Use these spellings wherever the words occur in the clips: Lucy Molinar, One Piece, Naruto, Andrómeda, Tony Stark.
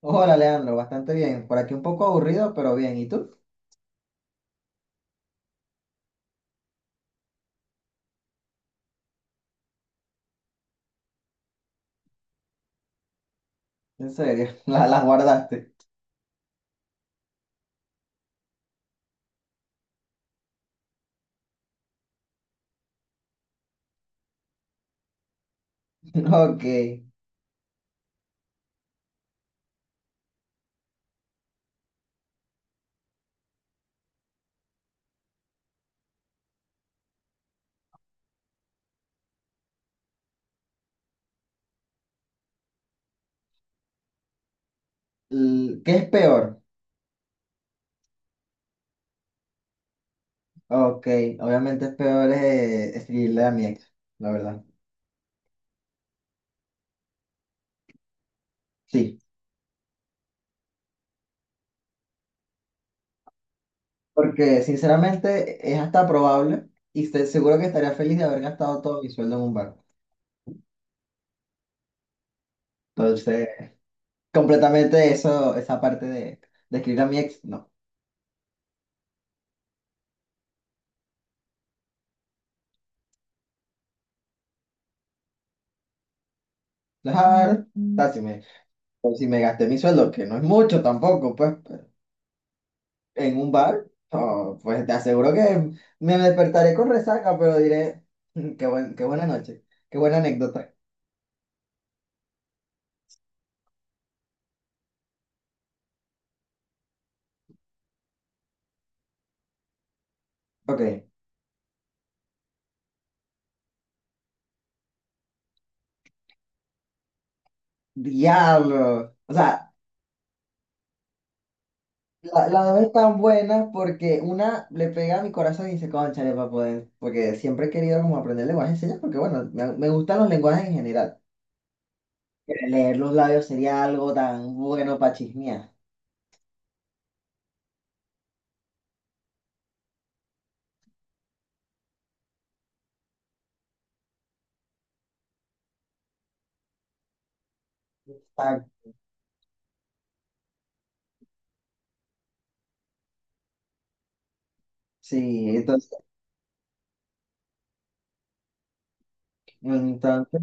Hola, Leandro, bastante bien. Por aquí un poco aburrido, pero bien. ¿Y tú? En serio, las guardaste. Ok. L- ¿Qué es peor? Ok, obviamente es peor escribirle a mi ex, la verdad. Sí, porque sinceramente es hasta probable y estoy seguro que estaría feliz de haber gastado todo mi sueldo en un bar. Entonces, completamente eso, esa parte de escribir a mi ex, no. Dejar, o sea, si me, o si me gasté mi sueldo, que no es mucho tampoco, pues. En un bar, oh, pues te aseguro que me despertaré con resaca, pero diré, qué buena noche, qué buena anécdota. Ok, diablo. O sea, la dos es tan buena porque una le pega a mi corazón y dice, cónchale, para poder, porque siempre he querido como aprender lenguaje de señas, porque bueno, me gustan los lenguajes en general. Pero leer los labios sería algo tan bueno para chismear. Ah, sí, entonces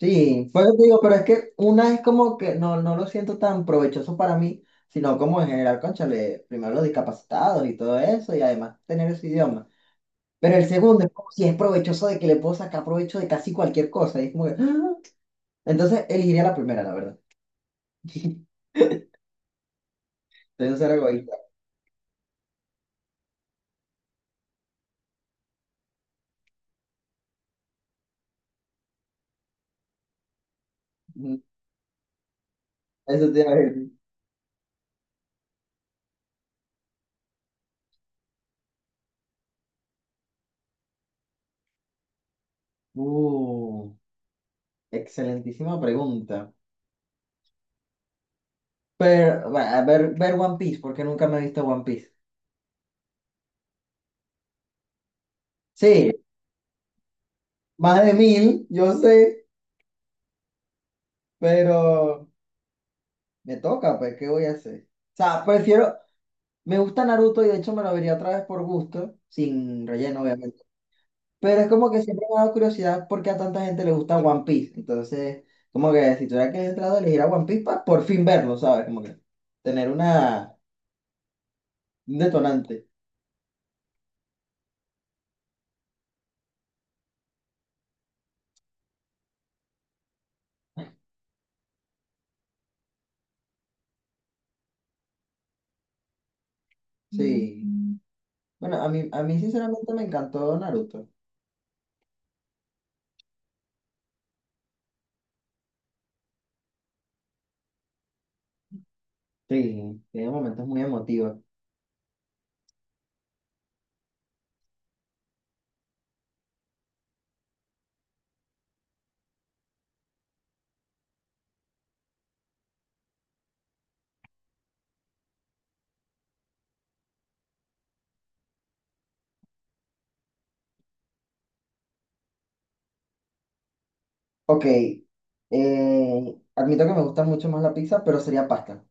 sí, pues digo, pero es que una es como que no, no lo siento tan provechoso para mí, sino como en general, cónchale, primero los discapacitados y todo eso, y además tener ese idioma. Pero el segundo es como si es provechoso de que le puedo sacar provecho de casi cualquier cosa, y es como que, ¡ah! Entonces elegiría la primera, la verdad. Entonces ser egoísta. Ujú. Eso te iba a decir. Uh, excelentísima pregunta. Pero, bueno, a ver, ver One Piece, porque nunca me he visto One Piece. Sí, más de mil, yo sé, pero... Me toca, pues, ¿qué voy a hacer? O sea, prefiero, me gusta Naruto y de hecho me lo vería otra vez por gusto, sin relleno, obviamente. Pero es como que siempre me ha dado curiosidad porque a tanta gente le gusta One Piece. Entonces, como que si tuviera que entrar a elegir a One Piece para por fin verlo, ¿sabes? Como que tener una, un detonante. Sí. Mm. Bueno, a mí sinceramente me encantó Naruto. Sí, tiene momentos muy emotivos. Ok, admito que me gusta mucho más la pizza, pero sería pasta.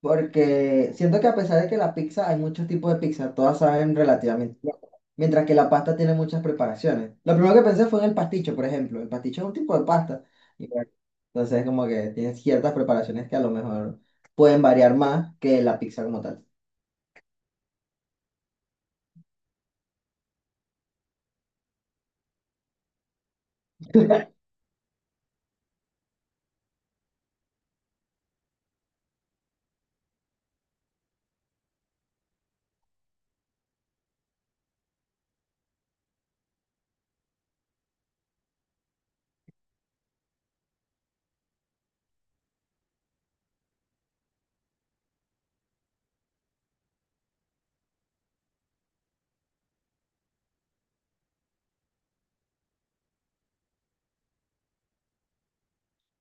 Porque siento que a pesar de que la pizza, hay muchos tipos de pizza, todas saben relativamente bien, mientras que la pasta tiene muchas preparaciones. Lo primero que pensé fue en el pasticho, por ejemplo. El pasticho es un tipo de pasta. Y bueno, entonces como que tiene ciertas preparaciones que a lo mejor pueden variar más que la pizza como tal.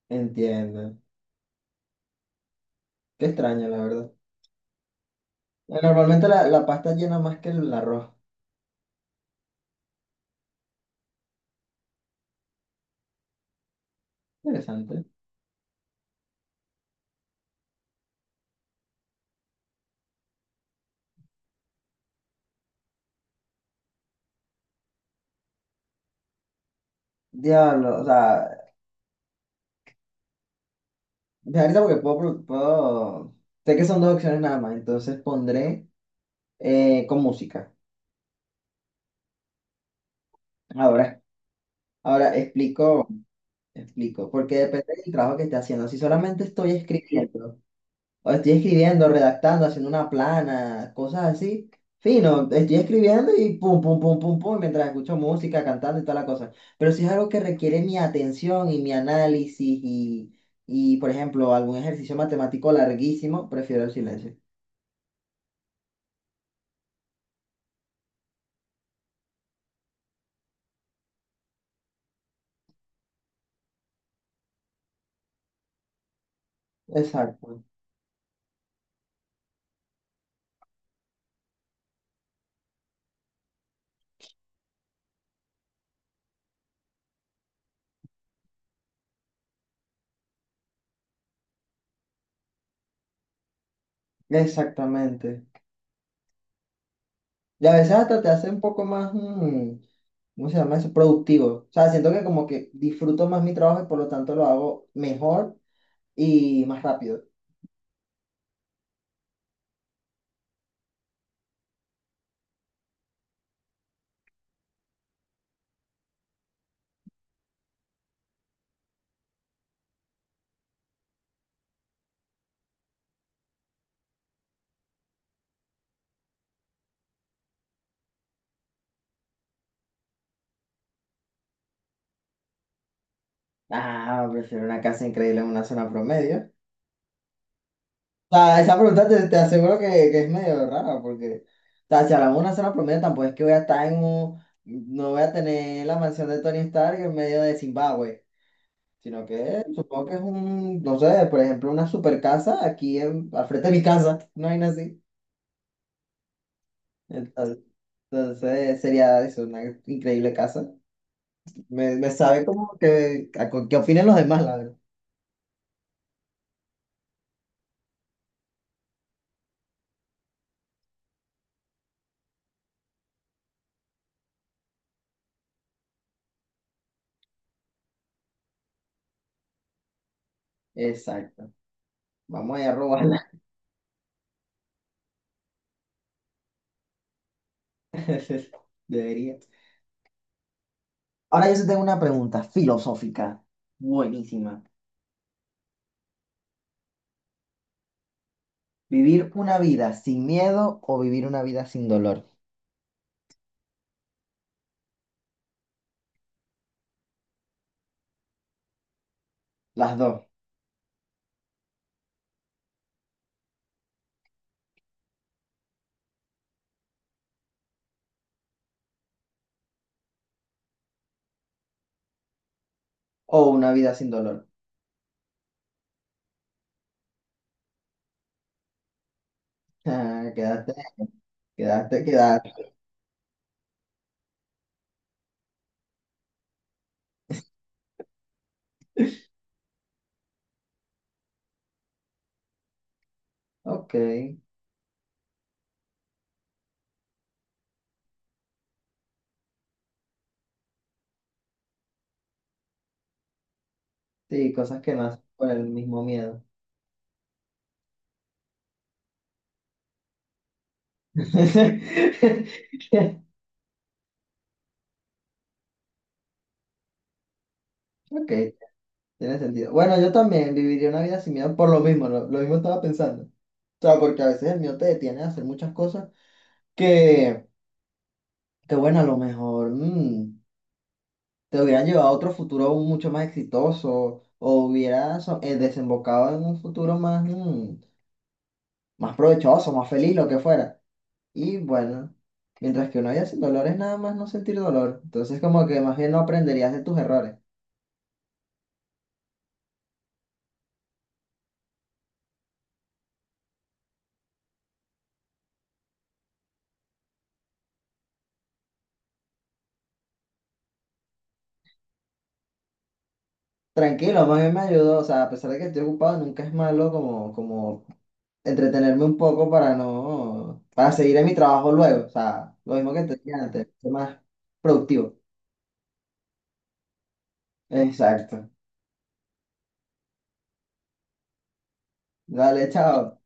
Entiendo. Qué extraño, la verdad. Bueno, normalmente la pasta llena más que el arroz. Interesante. Diablo, o sea, me da risa porque puedo, Sé que son dos opciones nada más, entonces pondré con música. Ahora, ahora explico, explico, porque depende del trabajo que esté haciendo. Si solamente estoy escribiendo, o estoy escribiendo, redactando, haciendo una plana, cosas así, fino, estoy escribiendo y pum, pum, pum, pum, pum, mientras escucho música, cantando y toda la cosa. Pero si es algo que requiere mi atención y mi análisis y por ejemplo, algún ejercicio matemático larguísimo, prefiero el silencio. Exacto, exactamente. Y a veces hasta te hace un poco más, mm, ¿cómo se llama eso? Productivo. O sea, siento que como que disfruto más mi trabajo y por lo tanto lo hago mejor y más rápido. Ah, prefiero una casa increíble en una zona promedio. O sea, esa pregunta te aseguro que es medio rara porque, o sea, si hablamos de una zona promedio tampoco es que voy a estar en un, no voy a tener la mansión de Tony Stark en medio de Zimbabue. Sino que supongo que es un, no sé, por ejemplo, una super casa aquí en, al frente de mi casa, no hay así. Entonces, Entonces, sería eso, una increíble casa. Me sabe como que, a co- qué opinan los demás, la verdad. Exacto. Vamos a ir a robarla. Debería. Ahora yo sí tengo una pregunta filosófica. Buenísima. ¿Vivir una vida sin miedo o vivir una vida sin dolor? Las dos. O una vida sin dolor. Ah, quédate, quédate, quédate. Ok. Sí, cosas que nacen por el mismo miedo. Ok. Tiene sentido. Bueno, yo también viviría una vida sin miedo por lo mismo, lo mismo estaba pensando. O sea, porque a veces el miedo te detiene a hacer muchas cosas que, que bueno, a lo mejor mm, te hubieran llevado a otro futuro mucho más exitoso o hubieras desembocado en un futuro más, mm, más provechoso, más feliz, lo que fuera. Y bueno, mientras que una vida sin dolor es nada más no sentir dolor. Entonces como que más bien no aprenderías de tus errores. Tranquilo, más bien me ayudó. O sea, a pesar de que estoy ocupado, nunca es malo como, como entretenerme un poco para no, para seguir en mi trabajo luego, o sea, lo mismo que te dije antes, ser más productivo. Exacto. Dale, chao.